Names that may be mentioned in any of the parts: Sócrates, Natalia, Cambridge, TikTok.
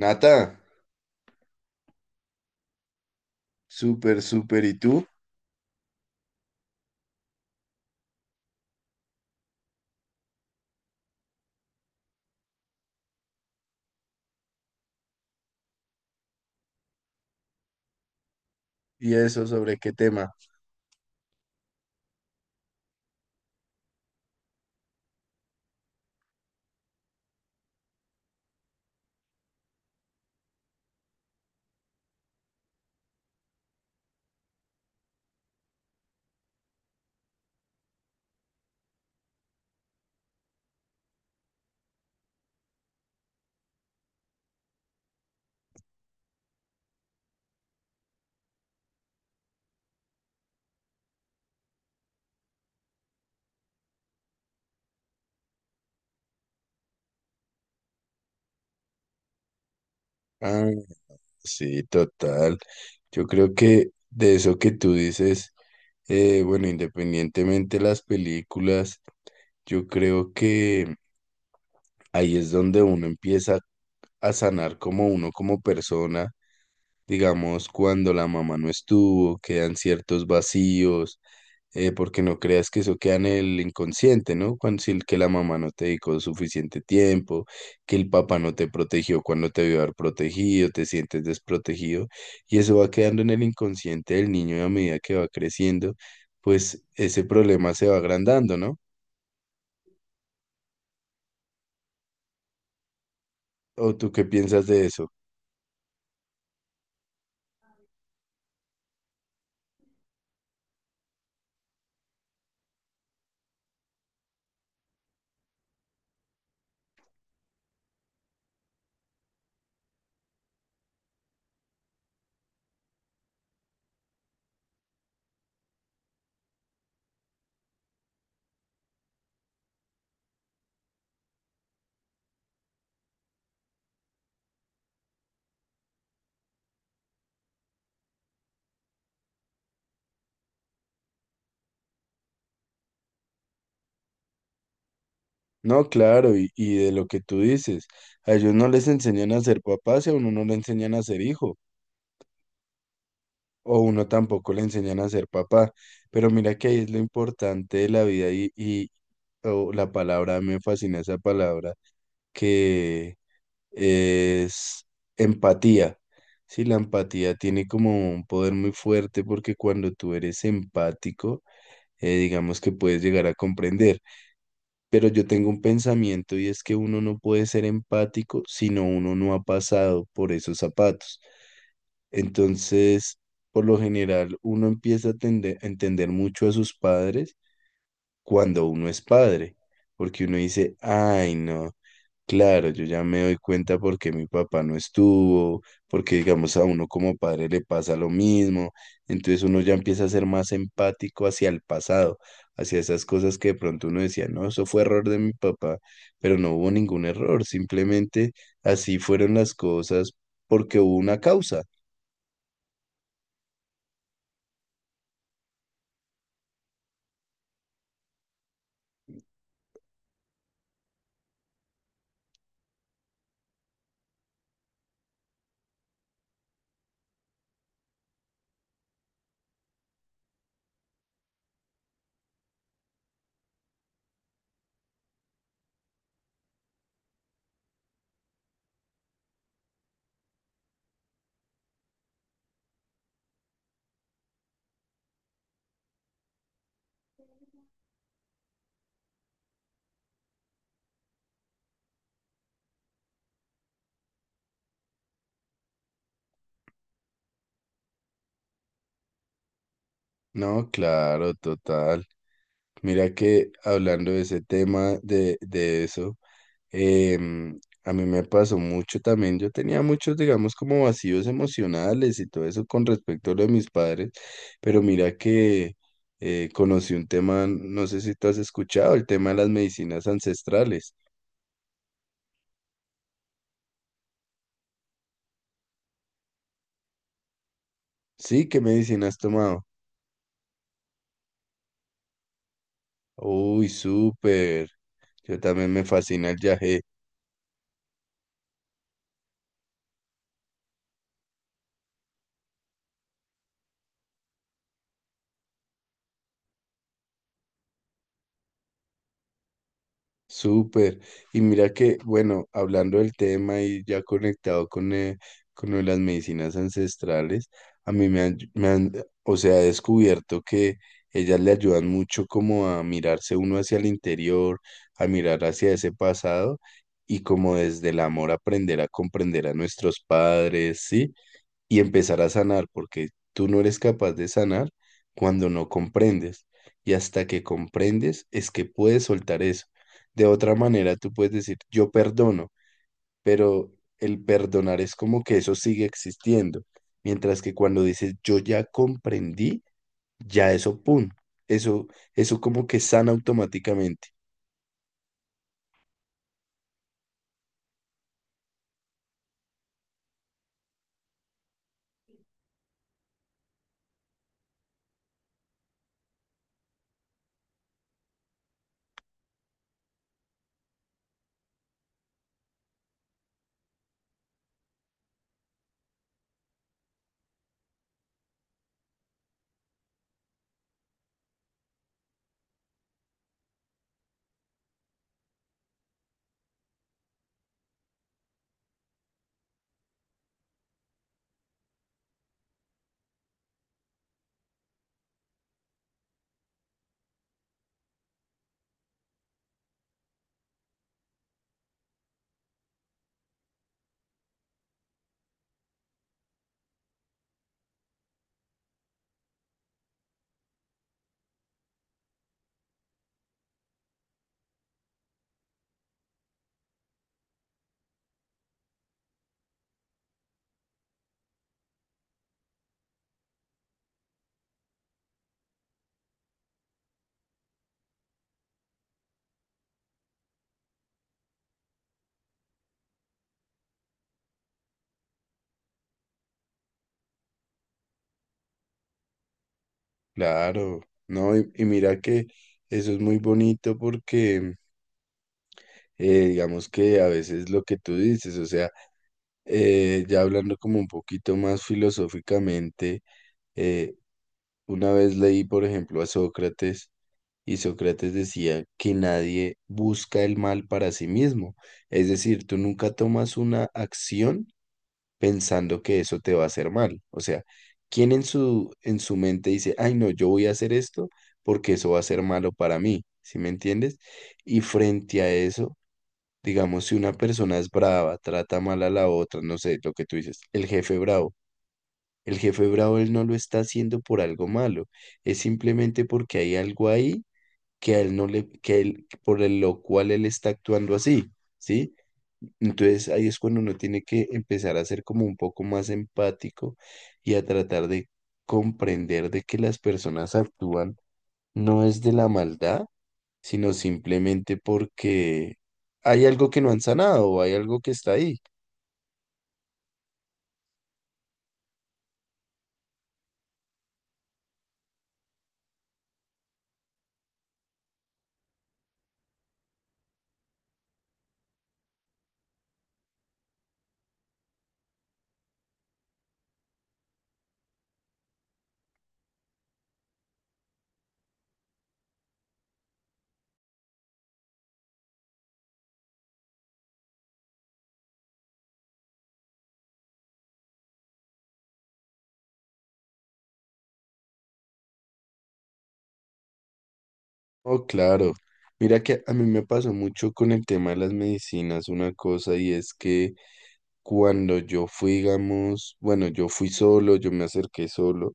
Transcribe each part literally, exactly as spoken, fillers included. Nata, súper, súper. ¿Y tú? ¿Y eso sobre qué tema? Ah, sí, total. Yo creo que de eso que tú dices, eh, bueno, independientemente de las películas, yo creo que ahí es donde uno empieza a sanar como uno, como persona. Digamos, cuando la mamá no estuvo, quedan ciertos vacíos, eh, porque no creas que eso queda en el inconsciente, ¿no? Cuando, si el que la mamá no te dedicó suficiente tiempo, que el papá no te protegió cuando te vio haber protegido, te sientes desprotegido, y eso va quedando en el inconsciente del niño y a medida que va creciendo, pues ese problema se va agrandando, ¿no? ¿O tú qué piensas de eso? No, claro, y, y de lo que tú dices, a ellos no les enseñan a ser papás y a uno no le enseñan a ser hijo. O uno tampoco le enseñan a ser papá. Pero mira que ahí es lo importante de la vida y, y o la palabra, me fascina esa palabra, que es empatía. Sí, la empatía tiene como un poder muy fuerte porque cuando tú eres empático, eh, digamos que puedes llegar a comprender. Pero yo tengo un pensamiento y es que uno no puede ser empático si no uno no ha pasado por esos zapatos. Entonces, por lo general, uno empieza a tende- a entender mucho a sus padres cuando uno es padre, porque uno dice, ay, no, claro, yo ya me doy cuenta porque mi papá no estuvo, porque digamos a uno como padre le pasa lo mismo, entonces uno ya empieza a ser más empático hacia el pasado, hacia esas cosas que de pronto uno decía, no, eso fue error de mi papá, pero no hubo ningún error, simplemente así fueron las cosas porque hubo una causa. No, claro, total. Mira que hablando de ese tema, de, de eso, em, a mí me pasó mucho también. Yo tenía muchos, digamos, como vacíos emocionales y todo eso con respecto a lo de mis padres, pero mira que eh, conocí un tema, no sé si tú has escuchado, el tema de las medicinas ancestrales. Sí, ¿qué medicina has tomado? Uy, súper. Yo también me fascina el yagé. Súper. Y mira que, bueno, hablando del tema y ya conectado con, eh, con lo de las medicinas ancestrales, a mí me han, me han, o sea, he descubierto que ellas le ayudan mucho como a mirarse uno hacia el interior, a mirar hacia ese pasado y como desde el amor aprender a comprender a nuestros padres, ¿sí? Y empezar a sanar, porque tú no eres capaz de sanar cuando no comprendes. Y hasta que comprendes es que puedes soltar eso. De otra manera, tú puedes decir, yo perdono, pero el perdonar es como que eso sigue existiendo. Mientras que cuando dices, yo ya comprendí, ya eso, pum, eso, eso como que sana automáticamente. Claro, no, y, y mira que eso es muy bonito porque eh, digamos que a veces lo que tú dices, o sea, eh, ya hablando como un poquito más filosóficamente, eh, una vez leí, por ejemplo, a Sócrates y Sócrates decía que nadie busca el mal para sí mismo. Es decir, tú nunca tomas una acción pensando que eso te va a hacer mal. O sea, ¿quién en su, en su mente dice, ay, no, yo voy a hacer esto porque eso va a ser malo para mí? ¿Sí me entiendes? Y frente a eso... Digamos, si una persona es brava, trata mal a la otra, no sé, lo que tú dices, el jefe bravo. El jefe bravo él no lo está haciendo por algo malo, es simplemente porque hay algo ahí que a él no le, que él, por el- lo cual él está actuando así, ¿sí? Entonces ahí es cuando uno tiene que empezar a ser como un poco más empático y a tratar de comprender de que las personas actúan no es de la maldad, sino simplemente porque hay algo que no han sanado o hay algo que está ahí. Oh, claro. Mira que a mí me pasó mucho con el tema de las medicinas una cosa y es que cuando yo fui, digamos, bueno, yo fui solo, yo me acerqué solo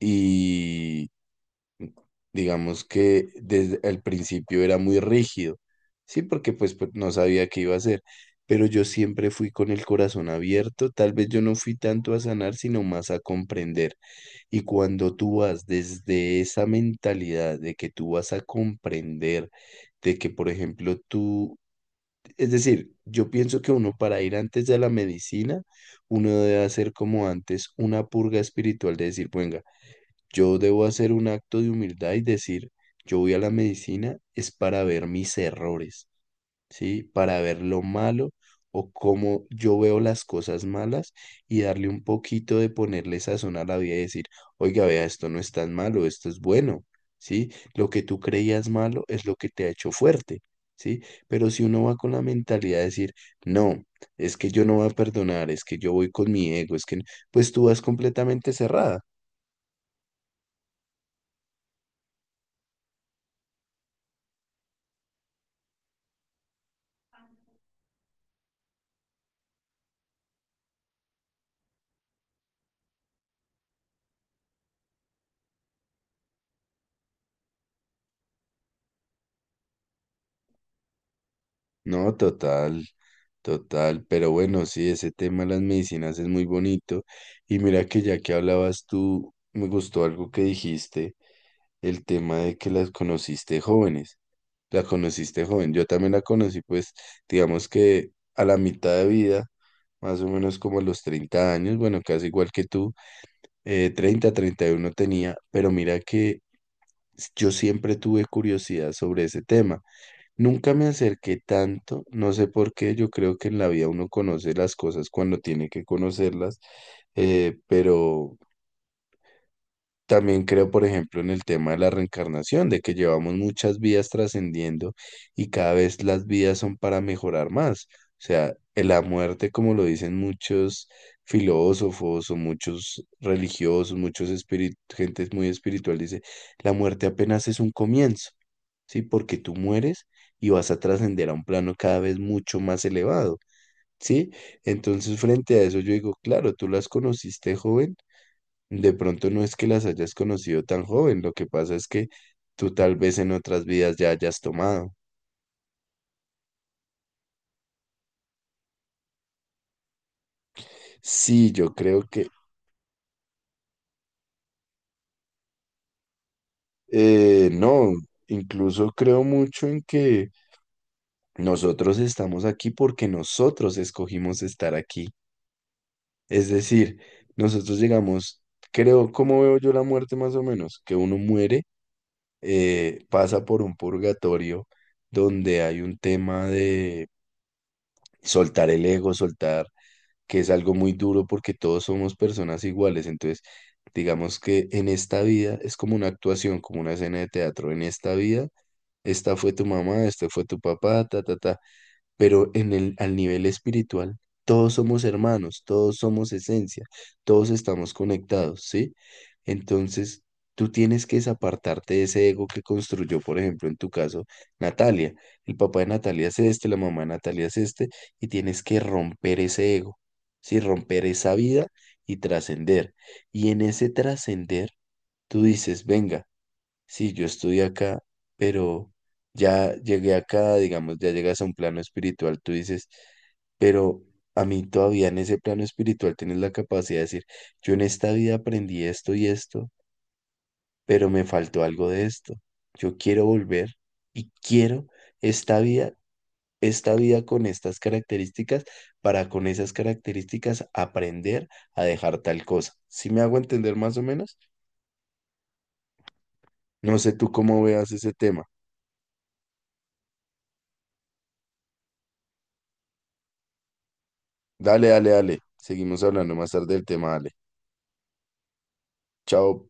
y digamos que desde el principio era muy rígido, sí, porque pues, pues no sabía qué iba a hacer, pero yo siempre fui con el corazón abierto, tal vez yo no fui tanto a sanar, sino más a comprender. Y cuando tú vas desde esa mentalidad de que tú vas a comprender, de que, por ejemplo, tú, es decir, yo pienso que uno para ir antes de la medicina, uno debe hacer como antes una purga espiritual de decir, venga, yo debo hacer un acto de humildad y decir, yo voy a la medicina es para ver mis errores. ¿Sí? Para ver lo malo o cómo yo veo las cosas malas y darle un poquito de ponerle sazón a la vida y decir, oiga, vea, esto no es tan malo, esto es bueno, ¿sí? Lo que tú creías malo es lo que te ha hecho fuerte, ¿sí? Pero si uno va con la mentalidad de decir, no, es que yo no voy a perdonar, es que yo voy con mi ego, es que, no", pues tú vas completamente cerrada. No, total. Total, pero bueno, sí, ese tema de las medicinas es muy bonito. Y mira que ya que hablabas tú, me gustó algo que dijiste, el tema de que las conociste jóvenes. La conociste joven. Yo también la conocí, pues, digamos que a la mitad de vida, más o menos como a los treinta años, bueno, casi igual que tú, eh, treinta, treinta y uno tenía, pero mira que s- yo siempre tuve curiosidad sobre ese tema. Nunca me acerqué tanto, no sé por qué, yo creo que en la vida uno conoce las cosas cuando tiene que conocerlas, eh, pero... También creo, por ejemplo, en el tema de la reencarnación, de que llevamos muchas vidas trascendiendo y cada vez las vidas son para mejorar más. O sea, en la muerte, como lo dicen muchos filósofos o muchos religiosos, muchos espíritus, gente muy espiritual, dice, la muerte apenas es un comienzo, ¿sí? Porque tú mueres y vas a trascender a un plano cada vez mucho más elevado, ¿sí? Entonces, frente a eso, yo digo, claro, tú las conociste joven, de pronto no es que las hayas conocido tan joven, lo que pasa es que tú tal vez en otras vidas ya hayas tomado. Sí, yo creo que eh, no, incluso creo mucho en que nosotros estamos aquí porque nosotros escogimos estar aquí. Es decir, nosotros llegamos, creo, ¿cómo veo yo la muerte más o menos? Que uno muere, eh, pasa por un purgatorio donde hay un tema de soltar el ego, soltar que es algo muy duro porque todos somos personas iguales. Entonces, digamos que en esta vida es como una actuación, como una escena de teatro. En esta vida, esta fue tu mamá, este fue tu papá, ta, ta, ta, pero en el, al nivel espiritual, todos somos hermanos, todos somos esencia, todos estamos conectados, ¿sí? Entonces, tú tienes que desapartarte de ese ego que construyó, por ejemplo, en tu caso, Natalia. El papá de Natalia es este, la mamá de Natalia es este, y tienes que romper ese ego, ¿sí? Romper esa vida y trascender. Y en ese trascender, tú dices, venga. Sí, yo estudié acá, pero ya llegué acá, digamos, ya llegas a un plano espiritual, tú dices, pero a mí todavía en ese plano espiritual tienes la capacidad de decir, yo en esta vida aprendí esto y esto, pero me faltó algo de esto. Yo quiero volver y quiero esta vida, esta vida con estas características, para con esas características aprender a dejar tal cosa. ¿Sí me hago entender más o menos? No sé tú cómo veas ese tema. Dale, dale, dale. Seguimos hablando más tarde del tema, dale. Chao.